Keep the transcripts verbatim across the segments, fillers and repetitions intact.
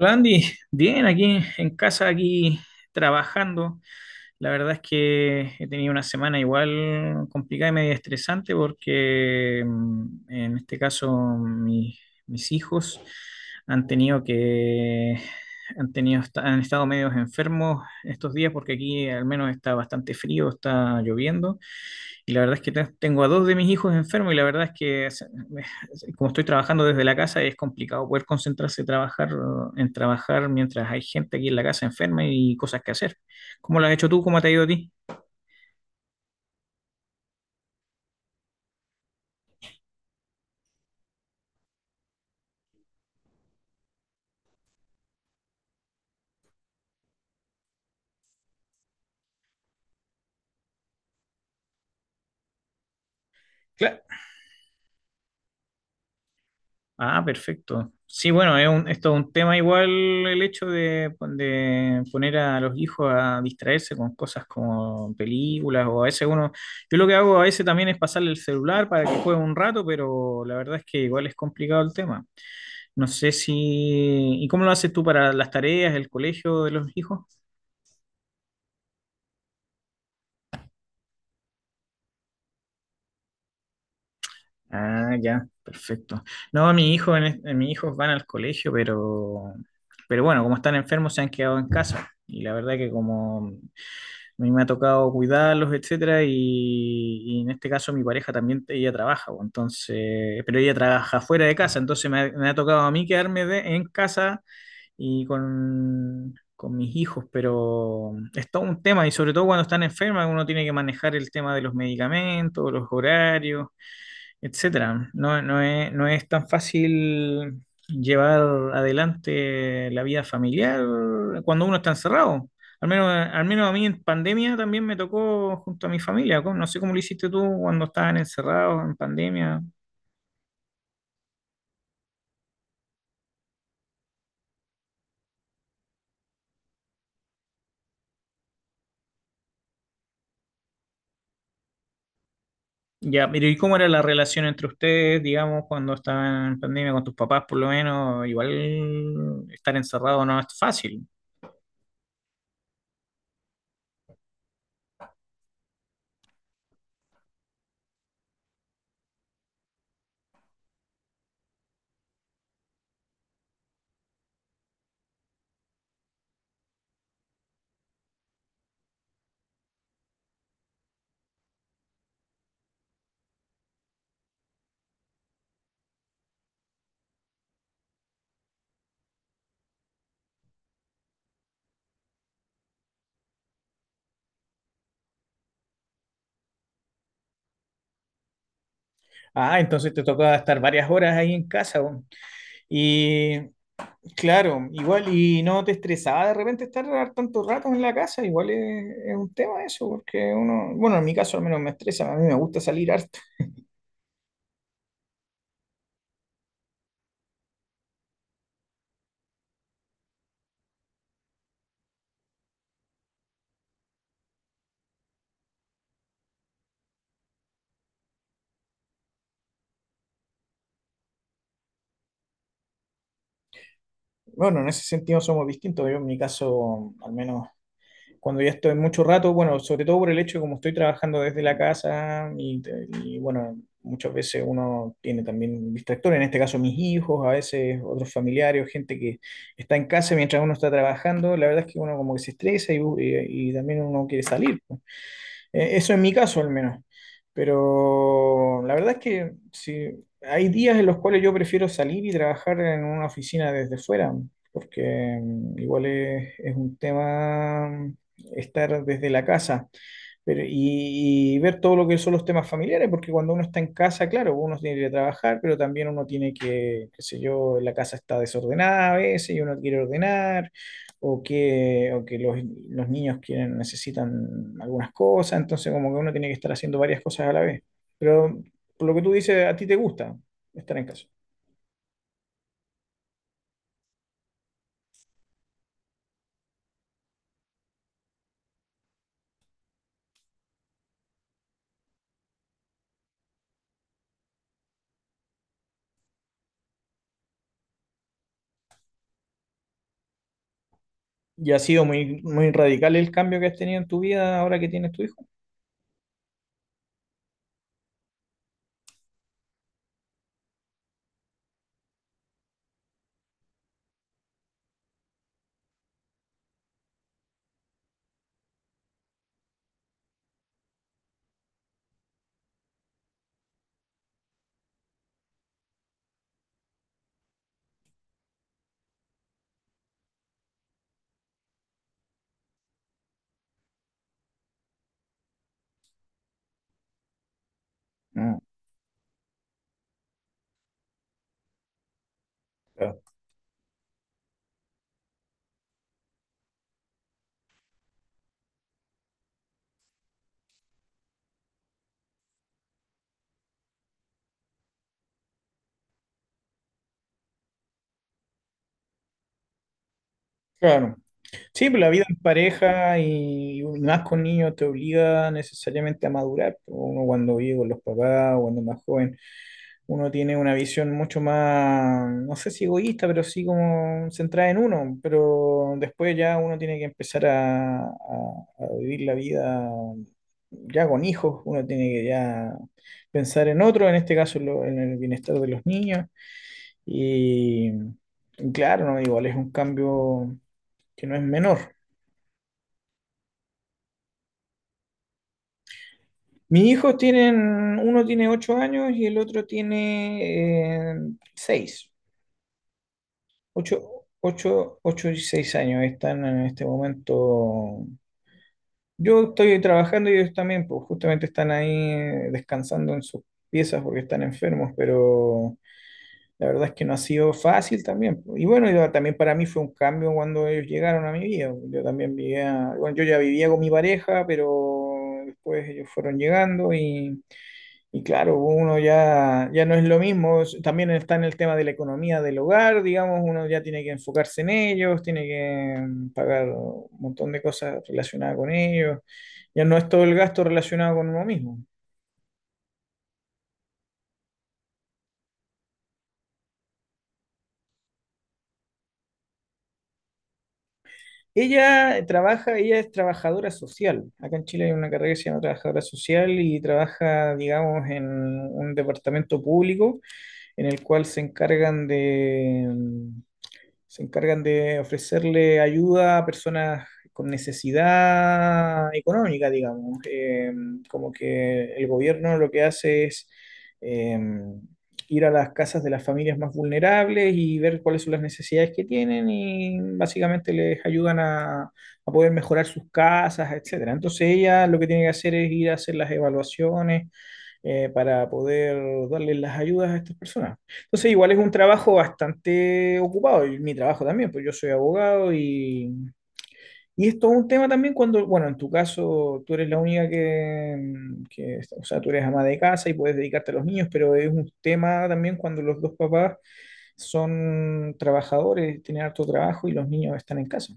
Hola, Andy, bien, aquí en casa, aquí trabajando. La verdad es que he tenido una semana igual complicada y medio estresante porque mm, en este caso mi- mis hijos han tenido que, han tenido, han estado medios enfermos estos días porque aquí al menos está bastante frío, está lloviendo. Y la verdad es que te- tengo a dos de mis hijos enfermos y la verdad es que se- me- como estoy trabajando desde la casa es complicado poder concentrarse trabajar, en trabajar mientras hay gente aquí en la casa enferma y cosas que hacer. ¿Cómo lo has hecho tú? ¿Cómo te ha ido a ti? Cla- Ah, perfecto. Sí, bueno, es un, esto es un tema igual el hecho de, de poner a los hijos a distraerse con cosas como películas o a veces uno, yo lo que hago a veces también es pasarle el celular para que juegue un rato, pero la verdad es que igual es complicado el tema. No sé si. ¿Y cómo lo haces tú para las tareas, el colegio de los hijos? Ah, ya, perfecto. No, mi hijo, en, es- mis hijos van al colegio, pero, pero bueno, como están enfermos se han quedado en casa. Y la verdad que como a mí me ha tocado cuidarlos, etcétera, y, y en este caso mi pareja también, ella trabaja, pues, entonces, pero ella trabaja fuera de casa, entonces me ha, me ha tocado a mí quedarme de- en casa y con, con mis hijos, pero es todo un tema y sobre todo cuando están enfermas uno tiene que manejar el tema de los medicamentos, los horarios, etcétera. No, no es, no es tan fácil llevar adelante la vida familiar cuando uno está encerrado. Al menos, al menos a mí en pandemia también me tocó junto a mi familia. ¿Cómo? No sé cómo lo hiciste tú cuando estaban encerrados en pandemia. Ya, pero ¿y cómo era la relación entre ustedes, digamos, cuando estaban en pandemia con tus papás, por lo menos? Igual estar encerrado no es fácil. Ah, entonces te tocaba estar varias horas ahí en casa. Weón. Y claro, igual, y no te estresaba de repente estar tanto rato en la casa, igual es, es un tema eso, porque uno, bueno, en mi caso al menos me estresa, a mí me gusta salir harto. Bueno, en ese sentido somos distintos, yo en mi caso al menos cuando ya estoy mucho rato, bueno, sobre todo por el hecho de como estoy trabajando desde la casa y, y, bueno, muchas veces uno tiene también distractores, en este caso mis hijos, a veces otros familiares, gente que está en casa mientras uno está trabajando, la verdad es que uno como que se estresa y, y- y también uno quiere salir, pues. Eh, eso en mi caso al menos. Pero la verdad es que sí, hay días en los cuales yo prefiero salir y trabajar en una oficina desde fuera, porque mm, igual es, es un tema mm, estar desde la casa. Pero, y, y ver todo lo que son los temas familiares, porque cuando uno está en casa, claro, uno tiene que ir a trabajar, pero también uno tiene que, qué sé yo, la casa está desordenada a veces y uno quiere ordenar, o que, o que los, los niños quieren, necesitan algunas cosas, entonces como que uno tiene que estar haciendo varias cosas a la vez. Pero por lo que tú dices, a ti te gusta estar en casa. ¿Y ha sido muy, muy radical el cambio que has tenido en tu vida ahora que tienes tu hijo? No, claro. Claro. Sí, pues la vida en pareja y, más con niños te obliga necesariamente a madurar, pues. Uno cuando vive con los papás, o cuando es más joven, uno tiene una visión mucho más, no sé si egoísta, pero sí como centrada en uno. Pero después ya uno tiene que empezar a, a- a vivir la vida ya con hijos, uno tiene que ya pensar en otro, en este caso en, lo- en el bienestar de los niños. Y, y claro, no, igual es un cambio que no es menor. Mis hijos tienen, uno tiene ocho años y el otro tiene eh, seis, ocho, ocho, ocho y seis años están en este momento. Yo estoy trabajando y ellos también, pues justamente están ahí eh, descansando en sus piezas porque están enfermos, pero la verdad es que no ha sido fácil también, pues. Y bueno, y también para mí fue un cambio cuando ellos llegaron a mi vida. Yo también vivía, bueno, yo ya vivía con mi pareja, pero después ellos fueron llegando y... Y claro, uno ya, ya no es lo mismo, es- también está en el tema de la economía del hogar, digamos, uno ya tiene que enfocarse en ellos, tiene que mm, pagar un montón de cosas relacionadas con ellos, ya no es todo el gasto relacionado con uno mismo. Ella eh, trabaja, ella es trabajadora social, acá en Chile hay una carrera que se llama trabajadora social y trabaja, digamos, en un departamento público en el cual se encargan de... mm, se encargan de ofrecerle ayuda a personas con necesidad económica, digamos. Eh, como que el gobierno lo que hace es eh, ir a las casas de las familias más vulnerables y ver cuáles son las necesidades que tienen y básicamente les ayudan a, a poder mejorar sus casas, etcétera. Entonces ella lo que tiene que hacer es ir a hacer las evaluaciones eh, para poder darles las ayudas a estas personas. Entonces, igual es un trabajo bastante ocupado, y mi trabajo también, pues yo soy abogado y, y esto es un tema también cuando, bueno, en tu caso tú eres la única que, que, o sea, tú eres ama de casa y puedes dedicarte a los niños, pero es un tema también cuando los dos papás son trabajadores, tienen harto trabajo y los niños están en casa.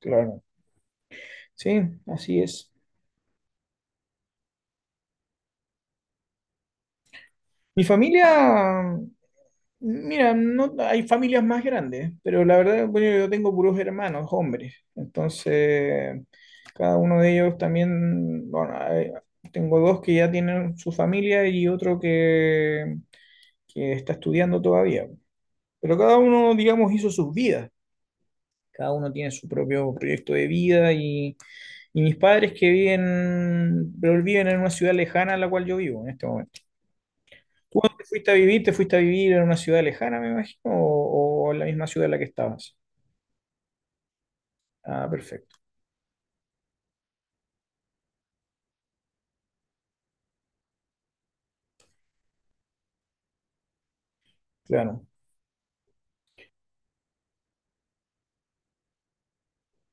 Claro. Sí, así es. Mi familia Mira, no, hay familias más grandes, pero la verdad, bueno, yo tengo puros hermanos, hombres. Entonces, cada uno de ellos también, bueno, hay- tengo dos que ya tienen su familia y otro que, que está estudiando todavía. Pero cada uno, digamos, hizo sus vidas. Cada uno tiene su propio proyecto de vida y, y mis padres que viven, pero viven en una ciudad lejana a la cual yo vivo en este momento. ¿Tú dónde fuiste a vivir? ¿Te fuiste a vivir en una ciudad lejana, me imagino? ¿O, o en la misma ciudad en la que estabas? Ah, perfecto, claro.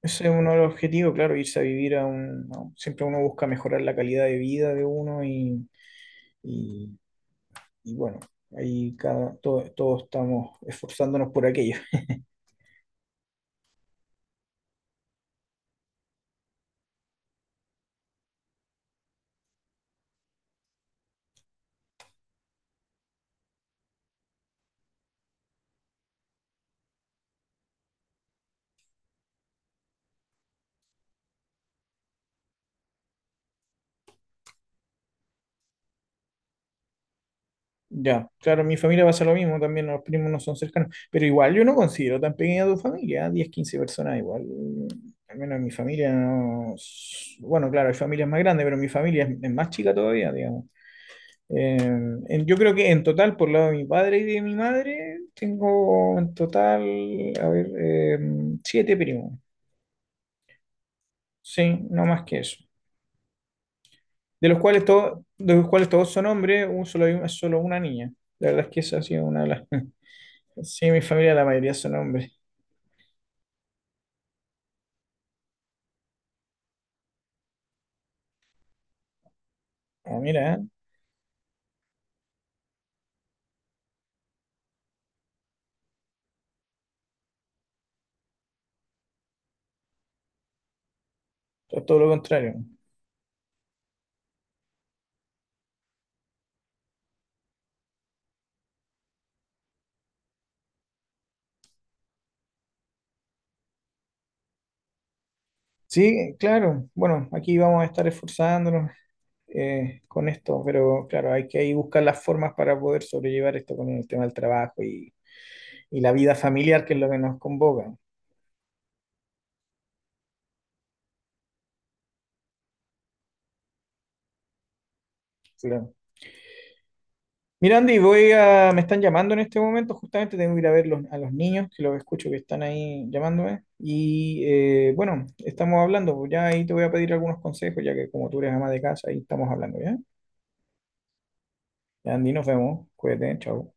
Ese es uno de los objetivos, claro, irse a vivir a un... a un- siempre uno busca mejorar la calidad de vida de uno y, y- y bueno, ahí cada, to- todos estamos esforzándonos por aquello. Ya, claro, mi familia pasa lo mismo también, los primos no son cercanos, pero igual yo no considero tan pequeña tu familia, diez quince personas igual, al menos en mi familia no, s- bueno, claro, hay familias más grandes, pero mi familia es, es más chica todavía, digamos. Eh, en- yo creo que en total, por lado de mi padre y de mi madre, tengo en total, a ver, eh, siete primos, sí, no más que eso, de los cuales, todos de los cuales todos son hombres, un solo, hay un- solo una niña, la verdad es que esa ha sido una de las. Sí, mi familia, la mayoría son hombres. Ah, mira, ¿eh? Es todo lo contrario. Sí, claro. Bueno, aquí vamos a estar esforzándonos eh, con esto, pero claro, hay que ahí buscar las formas para poder sobrellevar esto con el tema del trabajo y, y la vida familiar, que es lo que nos convoca. Claro. Mira, Andy, voy a, me están llamando en este momento, justamente tengo que ir a ver los- a los niños, que los escucho que están ahí llamándome. Y eh, bueno, estamos hablando, pues ya ahí te voy a pedir algunos consejos, ya que como tú eres ama de casa, ahí estamos hablando, ¿ya? Ya, Andy, nos vemos. Cuídate, chao.